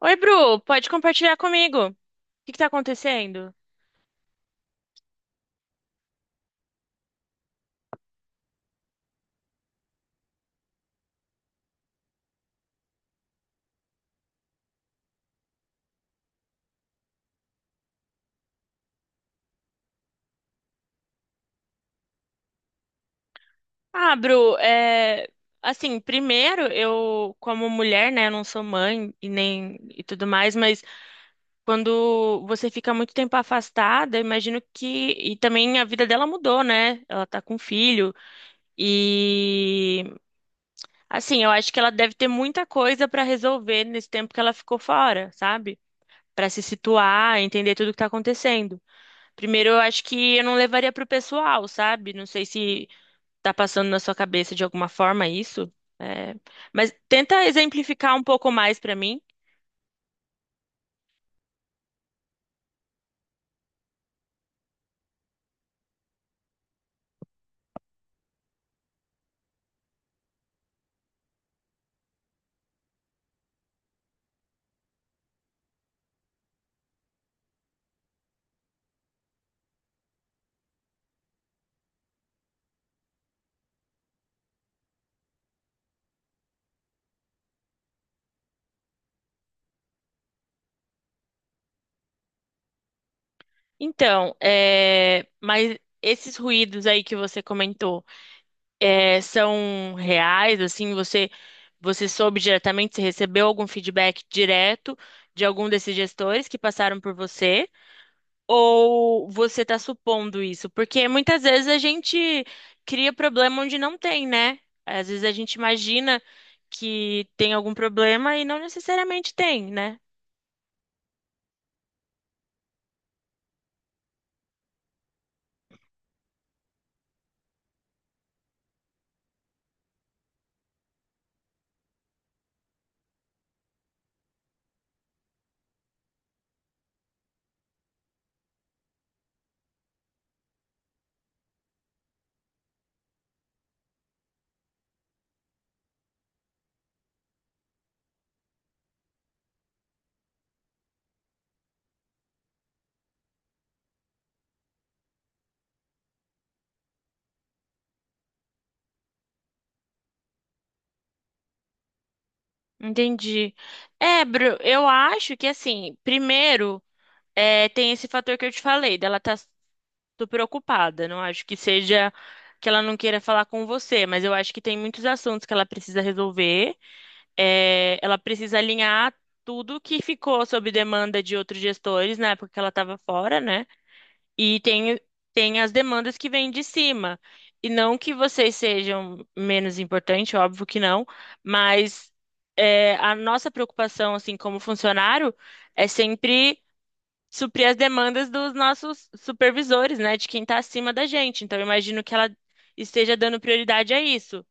Oi, Bru, pode compartilhar comigo? O que que tá acontecendo? Ah, Bru, assim, primeiro, eu, como mulher, né, eu não sou mãe e nem e tudo mais, mas quando você fica muito tempo afastada, eu imagino que. E também a vida dela mudou, né? Ela tá com filho. E, assim, eu acho que ela deve ter muita coisa pra resolver nesse tempo que ela ficou fora, sabe? Pra se situar, entender tudo que tá acontecendo. Primeiro, eu acho que eu não levaria pro pessoal, sabe? Não sei se tá passando na sua cabeça de alguma forma isso. é, Mas tenta exemplificar um pouco mais pra mim. Então, é, mas esses ruídos aí que você comentou, é, são reais, assim, você soube diretamente, você recebeu algum feedback direto de algum desses gestores que passaram por você? Ou você está supondo isso? Porque muitas vezes a gente cria problema onde não tem, né? Às vezes a gente imagina que tem algum problema e não necessariamente tem, né? Entendi. É, Bru, eu acho que assim, primeiro, é, tem esse fator que eu te falei, dela tá super ocupada. Não acho que seja que ela não queira falar com você, mas eu acho que tem muitos assuntos que ela precisa resolver. É, ela precisa alinhar tudo que ficou sob demanda de outros gestores na época que ela estava fora, né? E tem, tem as demandas que vêm de cima. E não que vocês sejam menos importantes, óbvio que não, mas é, a nossa preocupação, assim, como funcionário, é sempre suprir as demandas dos nossos supervisores, né? De quem está acima da gente. Então, eu imagino que ela esteja dando prioridade a isso.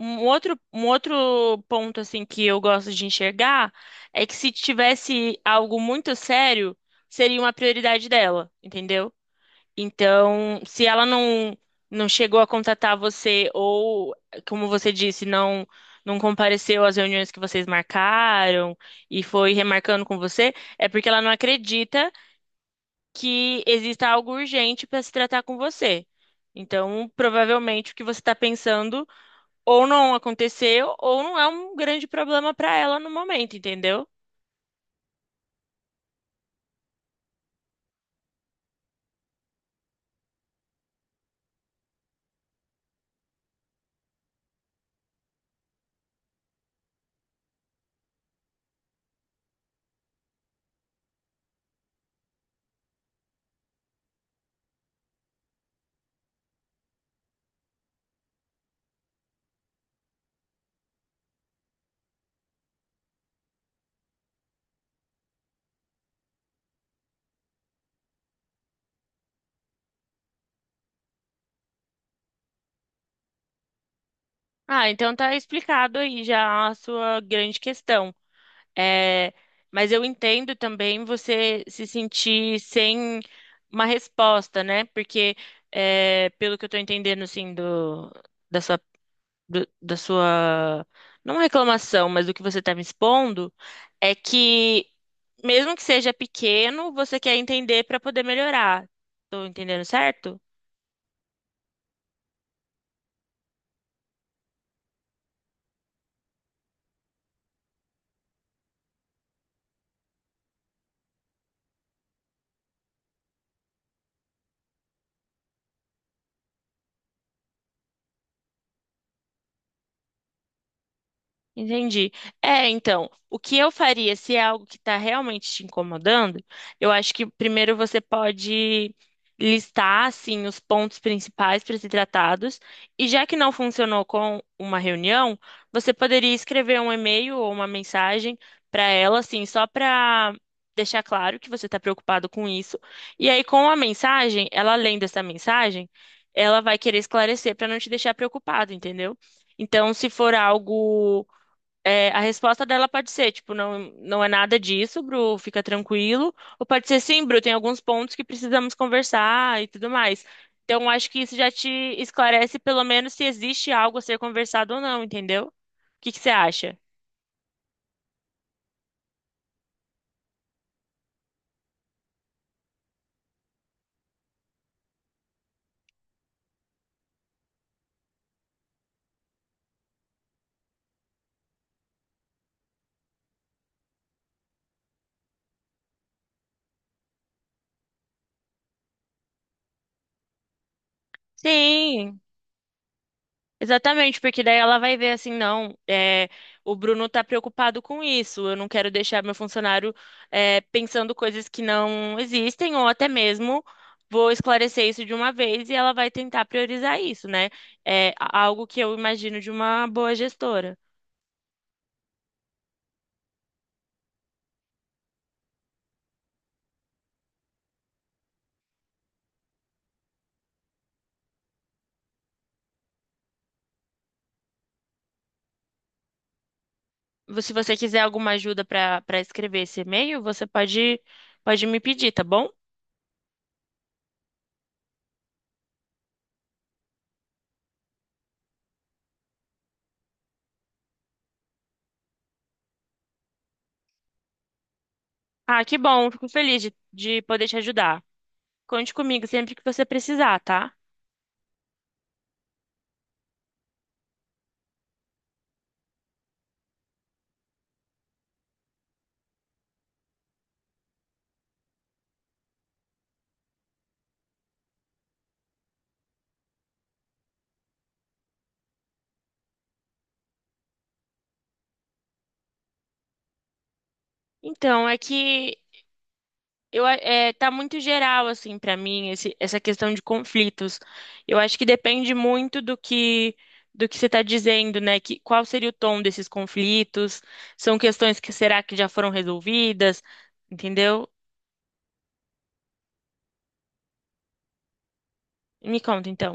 Um outro ponto assim que eu gosto de enxergar é que se tivesse algo muito sério, seria uma prioridade dela, entendeu? Então, se ela não chegou a contatar você ou, como você disse, não compareceu às reuniões que vocês marcaram e foi remarcando com você, é porque ela não acredita que exista algo urgente para se tratar com você. Então, provavelmente o que você está pensando ou não aconteceu, ou não é um grande problema para ela no momento, entendeu? Ah, então tá explicado aí já a sua grande questão. É, mas eu entendo também você se sentir sem uma resposta, né? Porque, é, pelo que eu tô entendendo, assim, da sua, da sua, não reclamação, mas do que você tá me expondo, é que, mesmo que seja pequeno, você quer entender para poder melhorar. Tô entendendo certo? Entendi. É, então, o que eu faria se é algo que está realmente te incomodando, eu acho que primeiro você pode listar, assim, os pontos principais para ser tratados, e já que não funcionou com uma reunião, você poderia escrever um e-mail ou uma mensagem para ela, assim, só para deixar claro que você está preocupado com isso, e aí com a mensagem, ela lendo essa mensagem, ela vai querer esclarecer para não te deixar preocupado, entendeu? Então, se for algo é, a resposta dela pode ser, tipo, não, não é nada disso, Bru, fica tranquilo. Ou pode ser, sim, Bru, tem alguns pontos que precisamos conversar e tudo mais. Então, acho que isso já te esclarece, pelo menos, se existe algo a ser conversado ou não, entendeu? O que que você acha? Sim, exatamente, porque daí ela vai ver assim, não, é, o Bruno tá preocupado com isso, eu não quero deixar meu funcionário é, pensando coisas que não existem, ou até mesmo vou esclarecer isso de uma vez e ela vai tentar priorizar isso, né? É algo que eu imagino de uma boa gestora. Se você quiser alguma ajuda para escrever esse e-mail, você pode, pode me pedir, tá bom? Ah, que bom, fico feliz de poder te ajudar. Conte comigo sempre que você precisar, tá? Então, é que tá muito geral, assim, pra mim, essa questão de conflitos. Eu acho que depende muito do que você está dizendo, né? Que, qual seria o tom desses conflitos? São questões que será que já foram resolvidas? Entendeu? Me conta, então.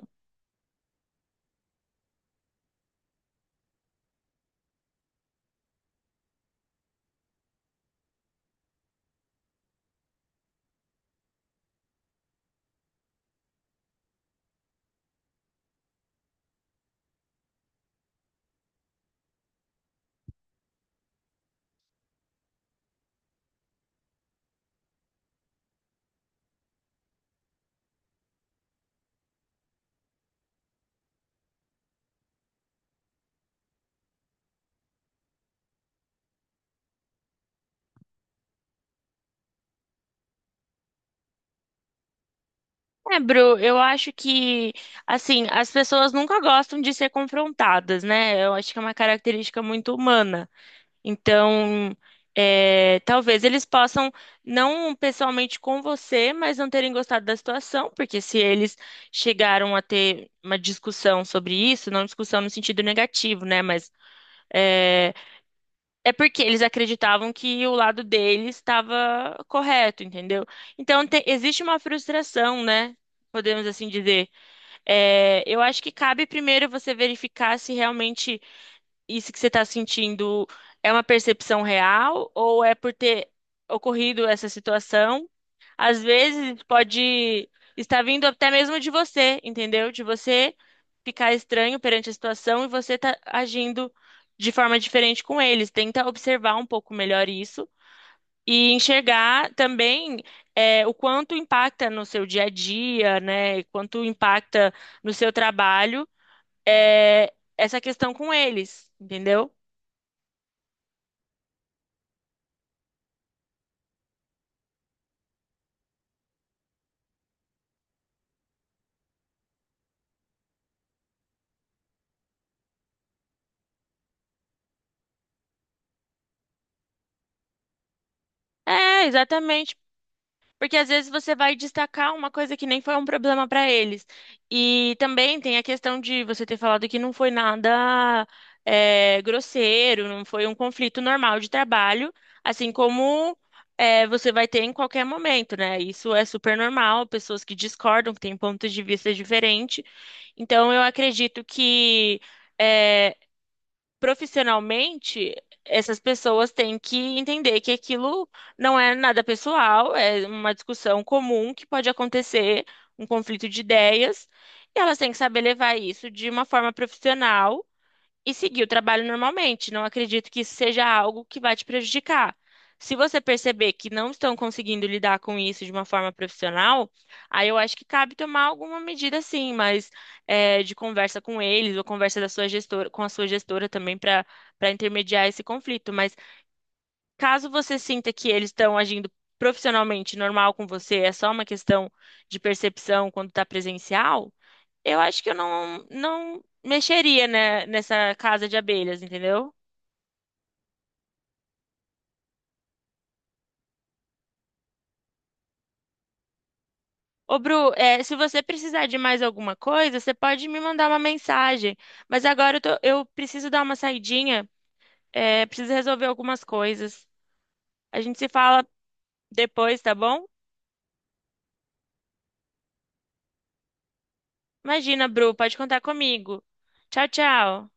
É, Bru, eu acho que, assim, as pessoas nunca gostam de ser confrontadas, né? Eu acho que é uma característica muito humana. Então, é, talvez eles possam, não pessoalmente com você, mas não terem gostado da situação, porque se eles chegaram a ter uma discussão sobre isso, não discussão no sentido negativo, né? Mas é, é porque eles acreditavam que o lado deles estava correto, entendeu? Então, existe uma frustração, né? Podemos assim dizer. É, eu acho que cabe primeiro você verificar se realmente isso que você está sentindo é uma percepção real ou é por ter ocorrido essa situação? Às vezes pode estar vindo até mesmo de você, entendeu? De você ficar estranho perante a situação e você tá agindo de forma diferente com eles. Tenta observar um pouco melhor isso. E enxergar também é, o quanto impacta no seu dia a dia, né? Quanto impacta no seu trabalho é, essa questão com eles, entendeu? É, exatamente. Porque às vezes você vai destacar uma coisa que nem foi um problema para eles. E também tem a questão de você ter falado que não foi nada é, grosseiro, não foi um conflito normal de trabalho, assim como é, você vai ter em qualquer momento, né? Isso é super normal, pessoas que discordam, que têm pontos de vista diferentes. Então, eu acredito que. eh, profissionalmente, essas pessoas têm que entender que aquilo não é nada pessoal, é uma discussão comum que pode acontecer, um conflito de ideias, e elas têm que saber levar isso de uma forma profissional e seguir o trabalho normalmente. Não acredito que isso seja algo que vai te prejudicar. Se você perceber que não estão conseguindo lidar com isso de uma forma profissional, aí eu acho que cabe tomar alguma medida, sim, mas é, de conversa com eles ou conversa da sua gestora, com a sua gestora também para intermediar esse conflito. Mas caso você sinta que eles estão agindo profissionalmente normal com você, é só uma questão de percepção quando está presencial. Eu acho que eu não mexeria, né, nessa casa de abelhas, entendeu? Ô, Bru, é, se você precisar de mais alguma coisa, você pode me mandar uma mensagem. Mas agora eu, eu preciso dar uma saidinha, é, preciso resolver algumas coisas. A gente se fala depois, tá bom? Imagina, Bru, pode contar comigo. Tchau, tchau.